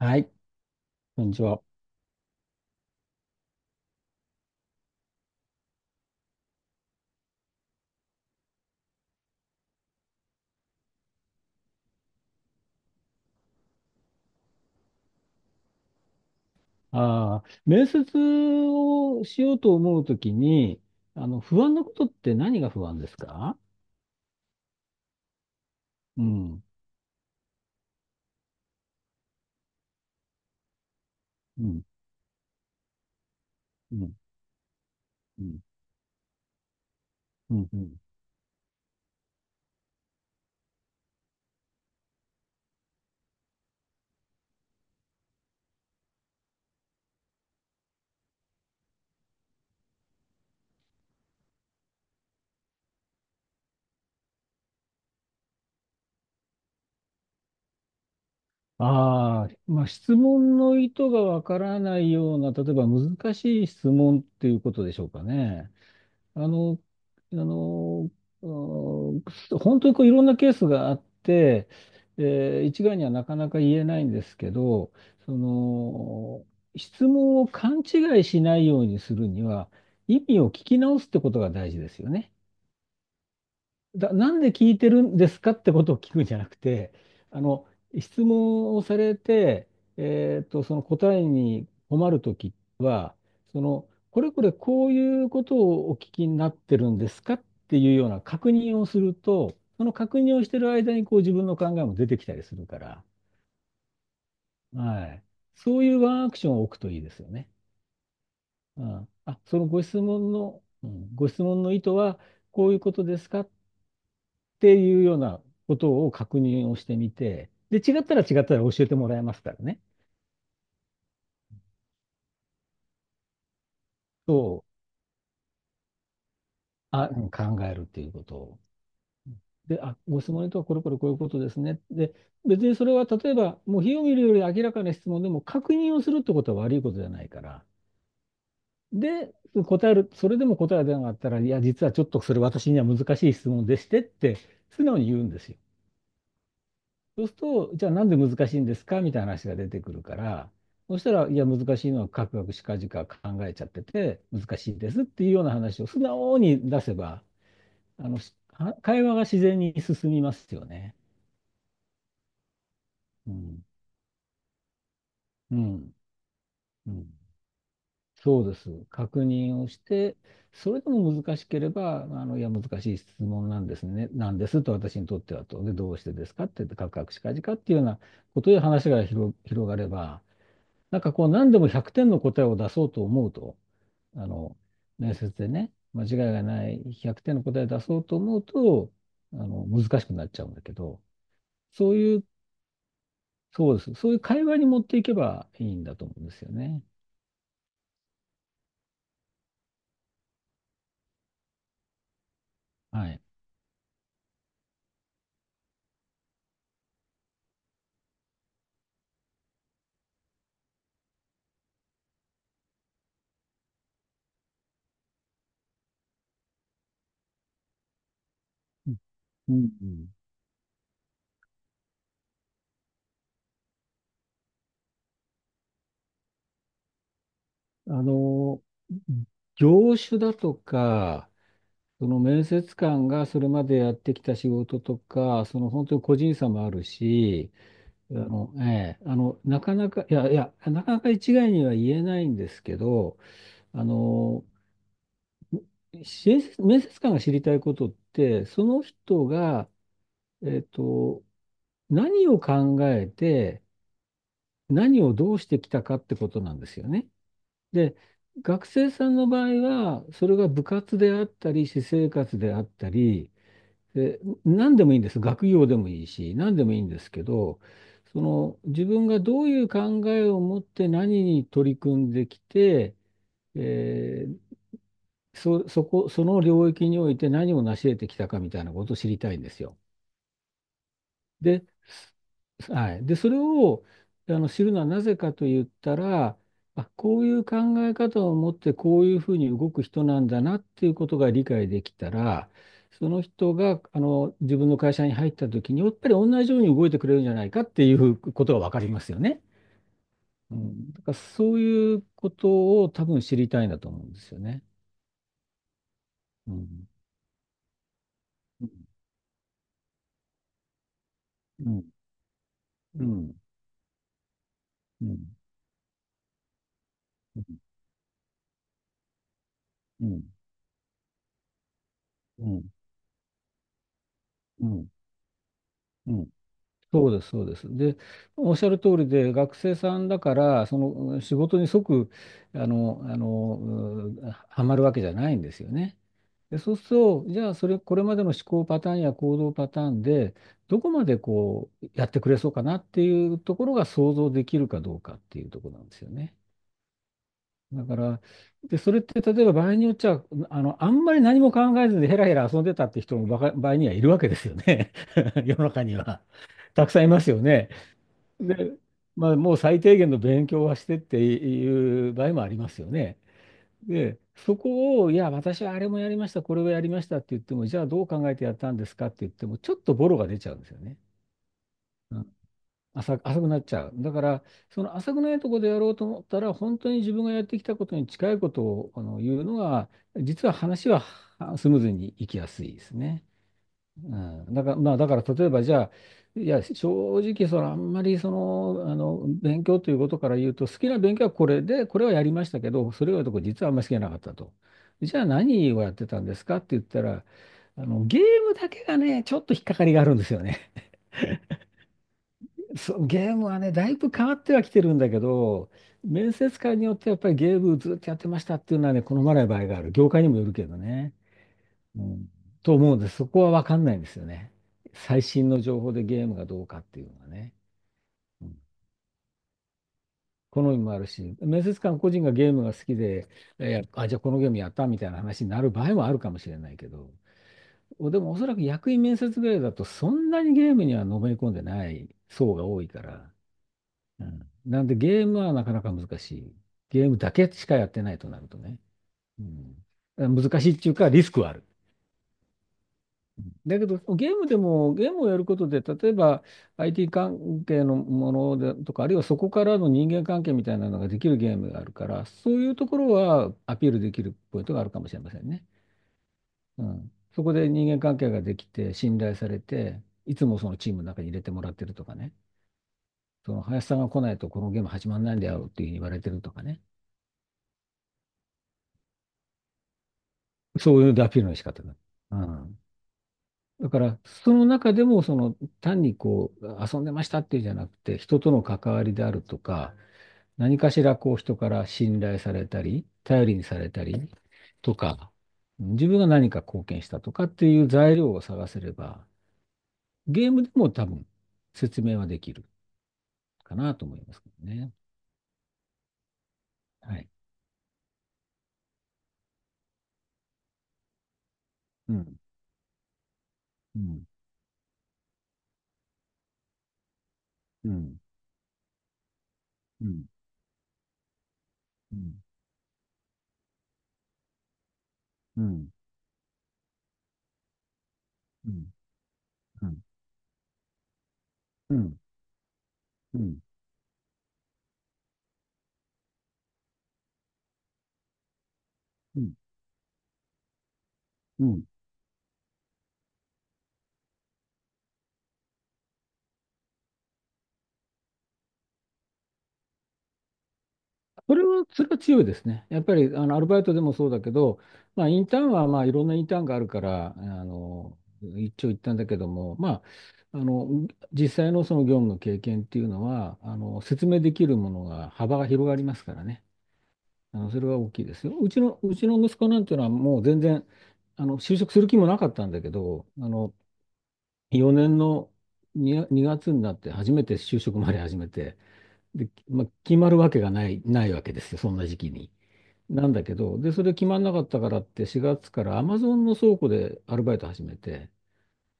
はい、こんにちは。ああ、面接をしようと思うときに、不安なことって何が不安ですか？うん、うん、うん、うん、うん。うん。ああ、まあ、質問の意図がわからないような、例えば難しい質問っていうことでしょうかね。あの、あの、うん、本当にこういろんなケースがあって、一概にはなかなか言えないんですけど、その、質問を勘違いしないようにするには、意味を聞き直すってことが大事ですよね。なんで聞いてるんですかってことを聞くんじゃなくて、あの、質問をされて、その答えに困るときは、その、これこれこういうことをお聞きになってるんですかっていうような確認をすると、その確認をしてる間にこう自分の考えも出てきたりするから。はい。そういうワンアクションを置くといいですよね。うん。あ、ご質問の意図はこういうことですかっていうようなことを確認をしてみて、で、違ったら教えてもらえますからね。そう、あ、うん、考えるっていうことを。で、あ、ご質問にとはこれこれこういうことですね。で、別にそれは例えば、もう火を見るより明らかな質問でも確認をするってことは悪いことじゃないから。で、答える、それでも答えが出なかったら、いや、実はちょっとそれ私には難しい質問でしてって、素直に言うんですよ。そうすると、じゃあなんで難しいんですかみたいな話が出てくるから、そしたら、いや、難しいのはカクカクしかじか考えちゃってて、難しいですっていうような話を素直に出せば、しは会話が自然に進みますよね。うん。うん。うん。そうです。確認をして、それでも難しければ、いや、難しい質問なんですね。なんですと、私にとってはと。で、どうしてですかって、カクカクしかじかっていうようなことで話が広がれば、なんかこう何でも100点の答えを出そうと思うと、あの、面接でね、間違いがない100点の答えを出そうと思うと、難しくなっちゃうんだけど、そういう、そうです。そういう会話に持っていけばいいんだと思うんですよね。はい。うん、うん、うん。あの、業種だとか、その面接官がそれまでやってきた仕事とか、その本当に個人差もあるし、なかなか、いやいや、なかなか一概には言えないんですけど、あの、面接官が知りたいことって、その人が、えっと、何を考えて、何をどうしてきたかってことなんですよね。で、学生さんの場合は、それが部活であったり、私生活であったり、で、何でもいいんです。学業でもいいし、何でもいいんですけど、その自分がどういう考えを持って何に取り組んできて、えーその領域において何を成し得てきたかみたいなことを知りたいんですよ。で、はい。で、それを知るのはなぜかと言ったら、あ、こういう考え方を持ってこういうふうに動く人なんだなっていうことが理解できたら、その人が自分の会社に入った時に、やっぱり同じように動いてくれるんじゃないかっていうことが分かりますよね。うん、だからそういうことを多分知りたいんだと思うんですよね。うん。うん。うん。うん。うん。うん。うん。うん。うん。そうです、そうです。で、おっしゃる通りで、学生さんだから、その仕事に即、はまるわけじゃないんですよね。で、そうすると、じゃあ、これまでの思考パターンや行動パターンで、どこまでこう、やってくれそうかなっていうところが想像できるかどうかっていうところなんですよね。だから、で、それって、例えば場合によっちゃ、あんまり何も考えずにヘラヘラ遊んでたって人もばか場合にはいるわけですよね。世の中には。たくさんいますよね。で、まあ、もう最低限の勉強はしてっていう場合もありますよね。で、そこを、いや、私はあれもやりました、これをやりましたって言っても、じゃあどう考えてやったんですかって言っても、ちょっとボロが出ちゃうんですよね。うん。浅くなっちゃう。だから、その浅くないところでやろうと思ったら、本当に自分がやってきたことに近いことを言うのが、実は話はスムーズにいきやすいですね。うん、だから、まあ、だから例えばじゃあ、いや、正直、そのあんまりその、あの勉強ということから言うと、好きな勉強はこれで、これはやりましたけど、それ以外のとこ実はあんまり好きじゃなかったと。じゃあ何をやってたんですかって言ったら、ゲームだけがね、ちょっと引っかかりがあるんですよね。そう、ゲームはね、だいぶ変わってはきてるんだけど、面接官によってやっぱりゲームずっとやってましたっていうのはね、好まない場合がある。業界にもよるけどね。うん、と思うので、そこは分かんないんですよね。最新の情報でゲームがどうかっていうのはね。うん、好みもあるし、面接官個人がゲームが好きで、あ、じゃあこのゲームやったみたいな話になる場合もあるかもしれないけど、でもおそらく役員面接ぐらいだと、そんなにゲームにはのめり込んでない層が多いから、うん、なんでゲームはなかなか難しい。ゲームだけしかやってないとなるとね。うん、難しいっていうか、リスクはある。だけど、ゲームでも、ゲームをやることで、例えば IT 関係のものでとか、あるいはそこからの人間関係みたいなのができるゲームがあるから、そういうところはアピールできるポイントがあるかもしれませんね。うん。そこで人間関係ができて、信頼されて、いつもそのチームの中に入れてもらってるとかね。その林さんが来ないとこのゲーム始まらないんだよっていうふうに言われてるとかね。そういうアピールの仕方だ。うん。だから、その中でも、その、単にこう、遊んでましたっていうじゃなくて、人との関わりであるとか、何かしらこう、人から信頼されたり、頼りにされたりとか、自分が何か貢献したとかっていう材料を探せれば、ゲームでも多分、説明はできるかなと思いますけどね。はい。うん、うん、うん、うん、うん、うん、うん、うん、うん、うん。それは強いですね。やっぱりアルバイトでもそうだけど、まあ、インターンはまあいろんなインターンがあるから、の一長一短だけども、まあ、実際のその業務の経験っていうのは説明できるものが幅が広がりますからね。それは大きいですよ。うちの息子なんていうのはもう全然就職する気もなかったんだけど、4年の2月になって初めて就職まで始めて、で、まあ、決まるわけがない、ないわけですよ、そんな時期に。なんだけど、で、それ決まんなかったからって4月からアマゾンの倉庫でアルバイト始めて、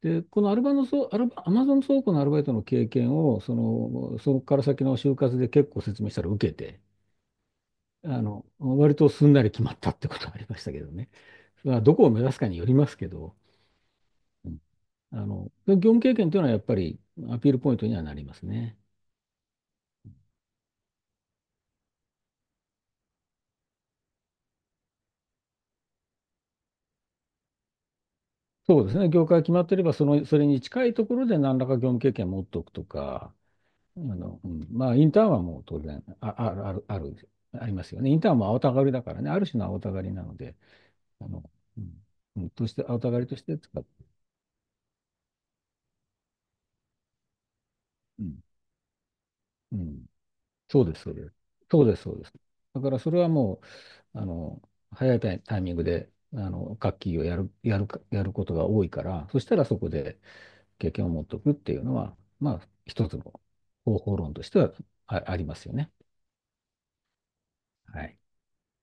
で、このアルバのそ、アルバ、アマゾン倉庫のアルバイトの経験を、その、そこから先の就活で結構説明したら受けて、割とすんなり決まったってことがありましたけどね。まあ、どこを目指すかによりますけど、うん。業務経験というのはやっぱりアピールポイントにはなりますね。そうですね。業界決まっていれば、その、それに近いところで何らか業務経験を持っておくとか、うん、まあ、インターンはもう当然、あ、ある、ある、ある、ありますよね。インターンも青たがりだからね、ある種の青たがりなので、あの、うん、うんとして、青たがりとして使っうん、うん、そうです、そうです。そうです、そうです。だからそれはもう、早いタイミングで、楽器をやることが多いから、そしたらそこで経験を持っておくっていうのは、まあ、一つの方法論としてはありますよね。はい。